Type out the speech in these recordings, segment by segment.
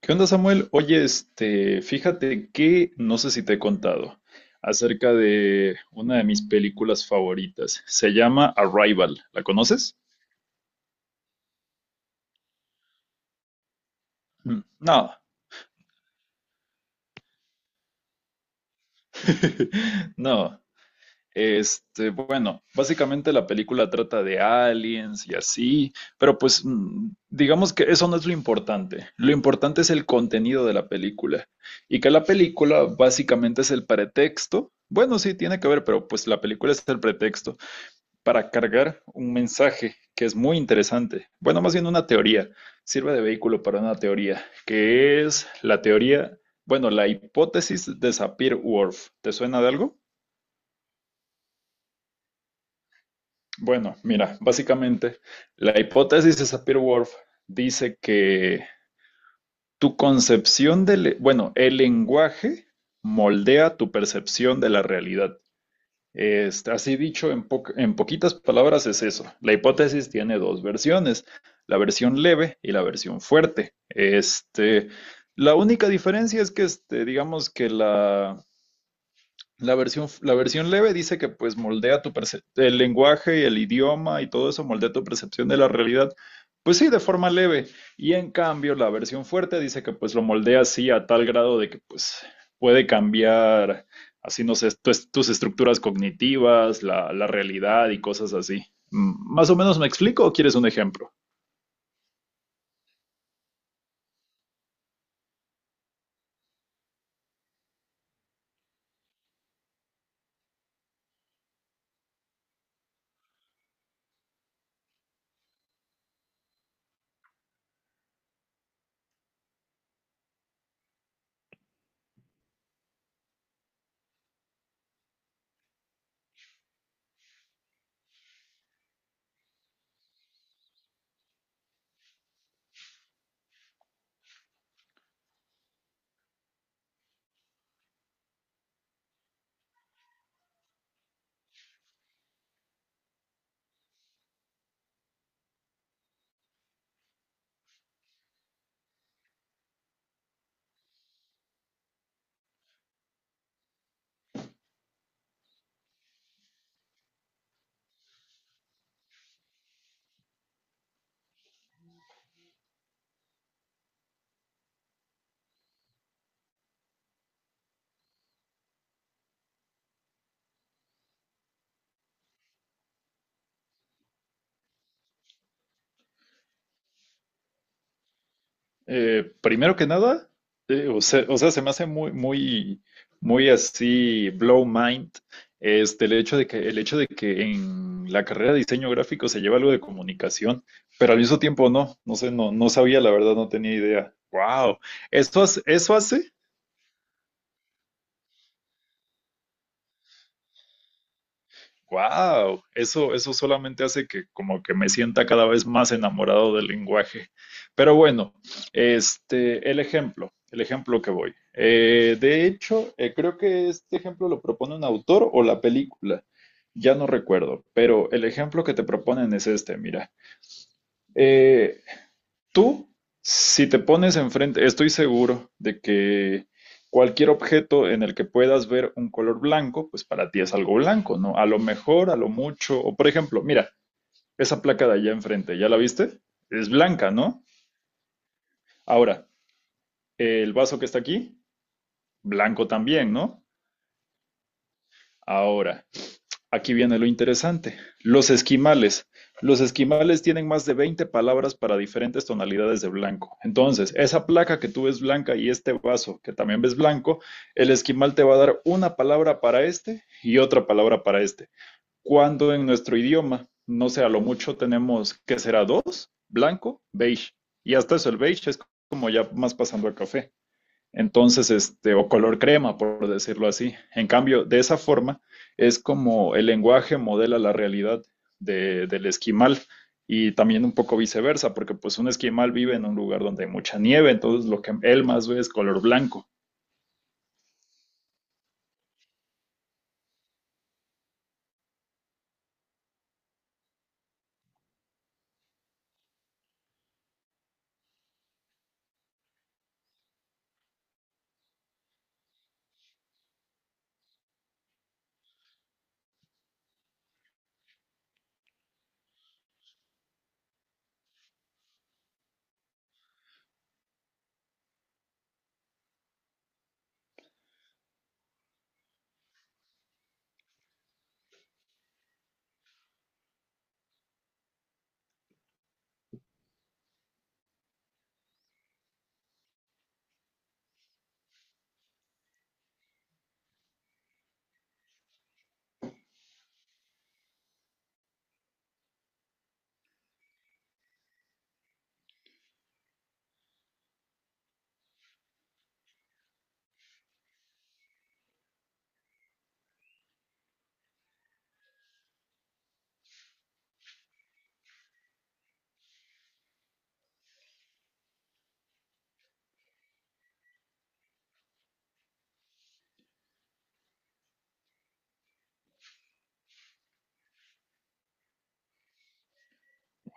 ¿Qué onda, Samuel? Oye, fíjate que no sé si te he contado acerca de una de mis películas favoritas. Se llama Arrival. ¿La conoces? Mm, no. No. Bueno, básicamente la película trata de aliens y así, pero pues digamos que eso no es lo importante. Lo importante es el contenido de la película y que la película básicamente es el pretexto. Bueno, sí, tiene que ver, pero pues la película es el pretexto para cargar un mensaje que es muy interesante. Bueno, más bien una teoría. Sirve de vehículo para una teoría, que es la teoría, bueno, la hipótesis de Sapir-Whorf. ¿Te suena de algo? Bueno, mira, básicamente la hipótesis de Sapir-Whorf dice que tu concepción del, bueno, el lenguaje moldea tu percepción de la realidad. Así dicho, en poquitas palabras es eso. La hipótesis tiene dos versiones, la versión leve y la versión fuerte. La única diferencia es que, digamos que la versión leve dice que pues el lenguaje y el idioma y todo eso moldea tu percepción de la realidad. Pues sí, de forma leve. Y en cambio, la versión fuerte dice que pues lo moldea así a tal grado de que pues puede cambiar así, no sé, tus estructuras cognitivas, la realidad y cosas así. Mm, ¿más o menos me explico o quieres un ejemplo? Primero que nada, o sea, se me hace muy así, blow mind, el hecho de que, el hecho de que en la carrera de diseño gráfico se lleva algo de comunicación, pero al mismo tiempo no, no sé, no sabía, la verdad, no tenía idea. Wow, eso hace. Wow, eso solamente hace que como que me sienta cada vez más enamorado del lenguaje. Pero bueno, el ejemplo que voy. De hecho, creo que este ejemplo lo propone un autor o la película, ya no recuerdo, pero el ejemplo que te proponen es este, mira. Eh, Tú, si te pones enfrente, estoy seguro de que cualquier objeto en el que puedas ver un color blanco, pues para ti es algo blanco, ¿no? A lo mejor, a lo mucho, o por ejemplo, mira, esa placa de allá enfrente, ¿ya la viste? Es blanca, ¿no? Ahora, el vaso que está aquí, blanco también, ¿no? Ahora, aquí viene lo interesante. Los esquimales. Los esquimales tienen más de 20 palabras para diferentes tonalidades de blanco. Entonces, esa placa que tú ves blanca y este vaso que también ves blanco, el esquimal te va a dar una palabra para este y otra palabra para este. Cuando en nuestro idioma, no sé, a lo mucho tenemos que será dos, blanco, beige. Y hasta eso el beige es como ya más pasando al café. Entonces, o color crema, por decirlo así. En cambio, de esa forma es como el lenguaje modela la realidad del esquimal y también un poco viceversa, porque pues un esquimal vive en un lugar donde hay mucha nieve, entonces lo que él más ve es color blanco.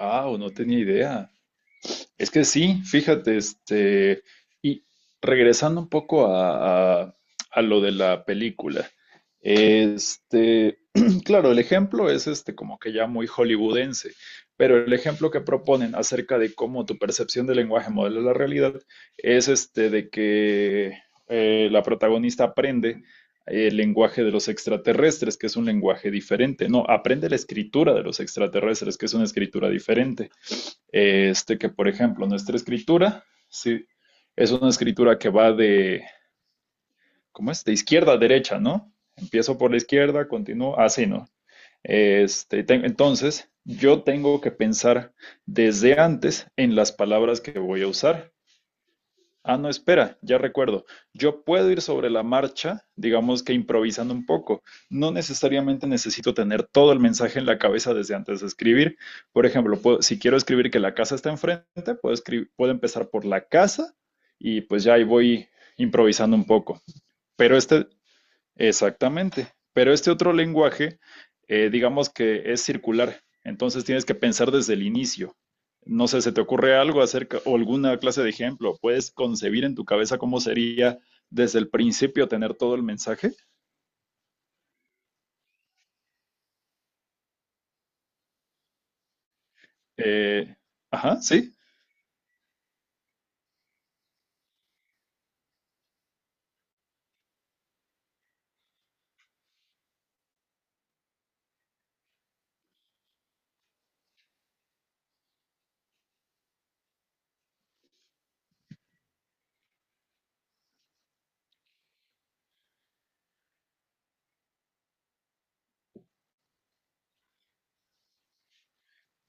Wow, no tenía idea. Es que sí, fíjate, y regresando un poco a, a lo de la película, este, claro, el ejemplo es este como que ya muy hollywoodense, pero el ejemplo que proponen acerca de cómo tu percepción del lenguaje modela la realidad es este de que la protagonista aprende el lenguaje de los extraterrestres, que es un lenguaje diferente, no, aprende la escritura de los extraterrestres, que es una escritura diferente. Este que, por ejemplo, nuestra escritura, sí, es una escritura que va de, ¿cómo es? De izquierda a derecha, ¿no? Empiezo por la izquierda, continúo, así, ¿no? Entonces, yo tengo que pensar desde antes en las palabras que voy a usar. Ah, no, espera, ya recuerdo. Yo puedo ir sobre la marcha, digamos que improvisando un poco. No necesariamente necesito tener todo el mensaje en la cabeza desde antes de escribir. Por ejemplo, si quiero escribir que la casa está enfrente, puedo escribir, puedo empezar por la casa y pues ya ahí voy improvisando un poco. Pero exactamente. Pero este otro lenguaje, digamos que es circular. Entonces tienes que pensar desde el inicio. No sé, ¿se te ocurre algo acerca o alguna clase de ejemplo? ¿Puedes concebir en tu cabeza cómo sería desde el principio tener todo el mensaje? Eh, ajá, sí.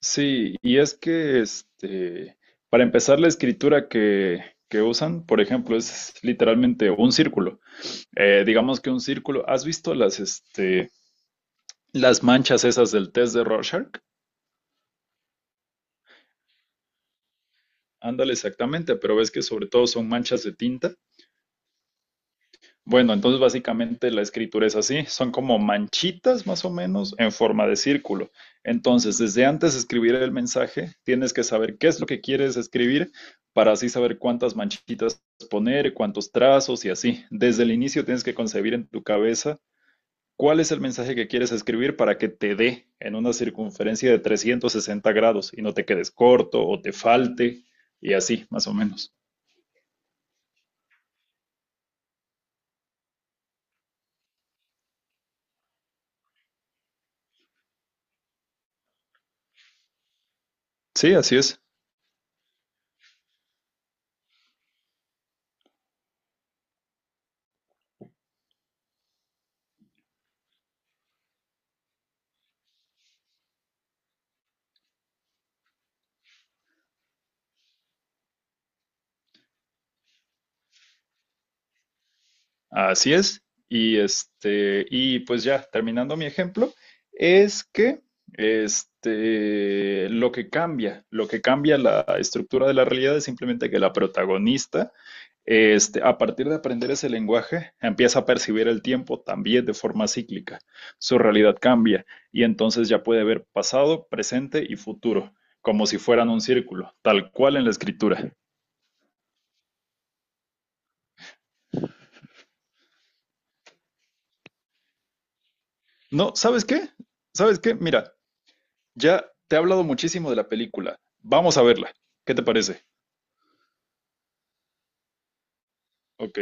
Sí, y es que para empezar, la escritura que usan, por ejemplo, es literalmente un círculo. Digamos que un círculo. ¿Has visto las, las manchas esas del test de Rorschach? Ándale, exactamente, pero ves que sobre todo son manchas de tinta. Bueno, entonces básicamente la escritura es así, son como manchitas más o menos en forma de círculo. Entonces, desde antes de escribir el mensaje, tienes que saber qué es lo que quieres escribir para así saber cuántas manchitas poner, cuántos trazos y así. Desde el inicio tienes que concebir en tu cabeza cuál es el mensaje que quieres escribir para que te dé en una circunferencia de 360 grados y no te quedes corto o te falte y así, más o menos. Sí, así es, así es. Y y pues ya, terminando mi ejemplo, es que lo que cambia la estructura de la realidad es simplemente que la protagonista, a partir de aprender ese lenguaje, empieza a percibir el tiempo también de forma cíclica. Su realidad cambia y entonces ya puede ver pasado, presente y futuro, como si fueran un círculo, tal cual en la escritura. No, ¿sabes qué? ¿Sabes qué? Mira, ya te he hablado muchísimo de la película. Vamos a verla. ¿Qué te parece? Ok.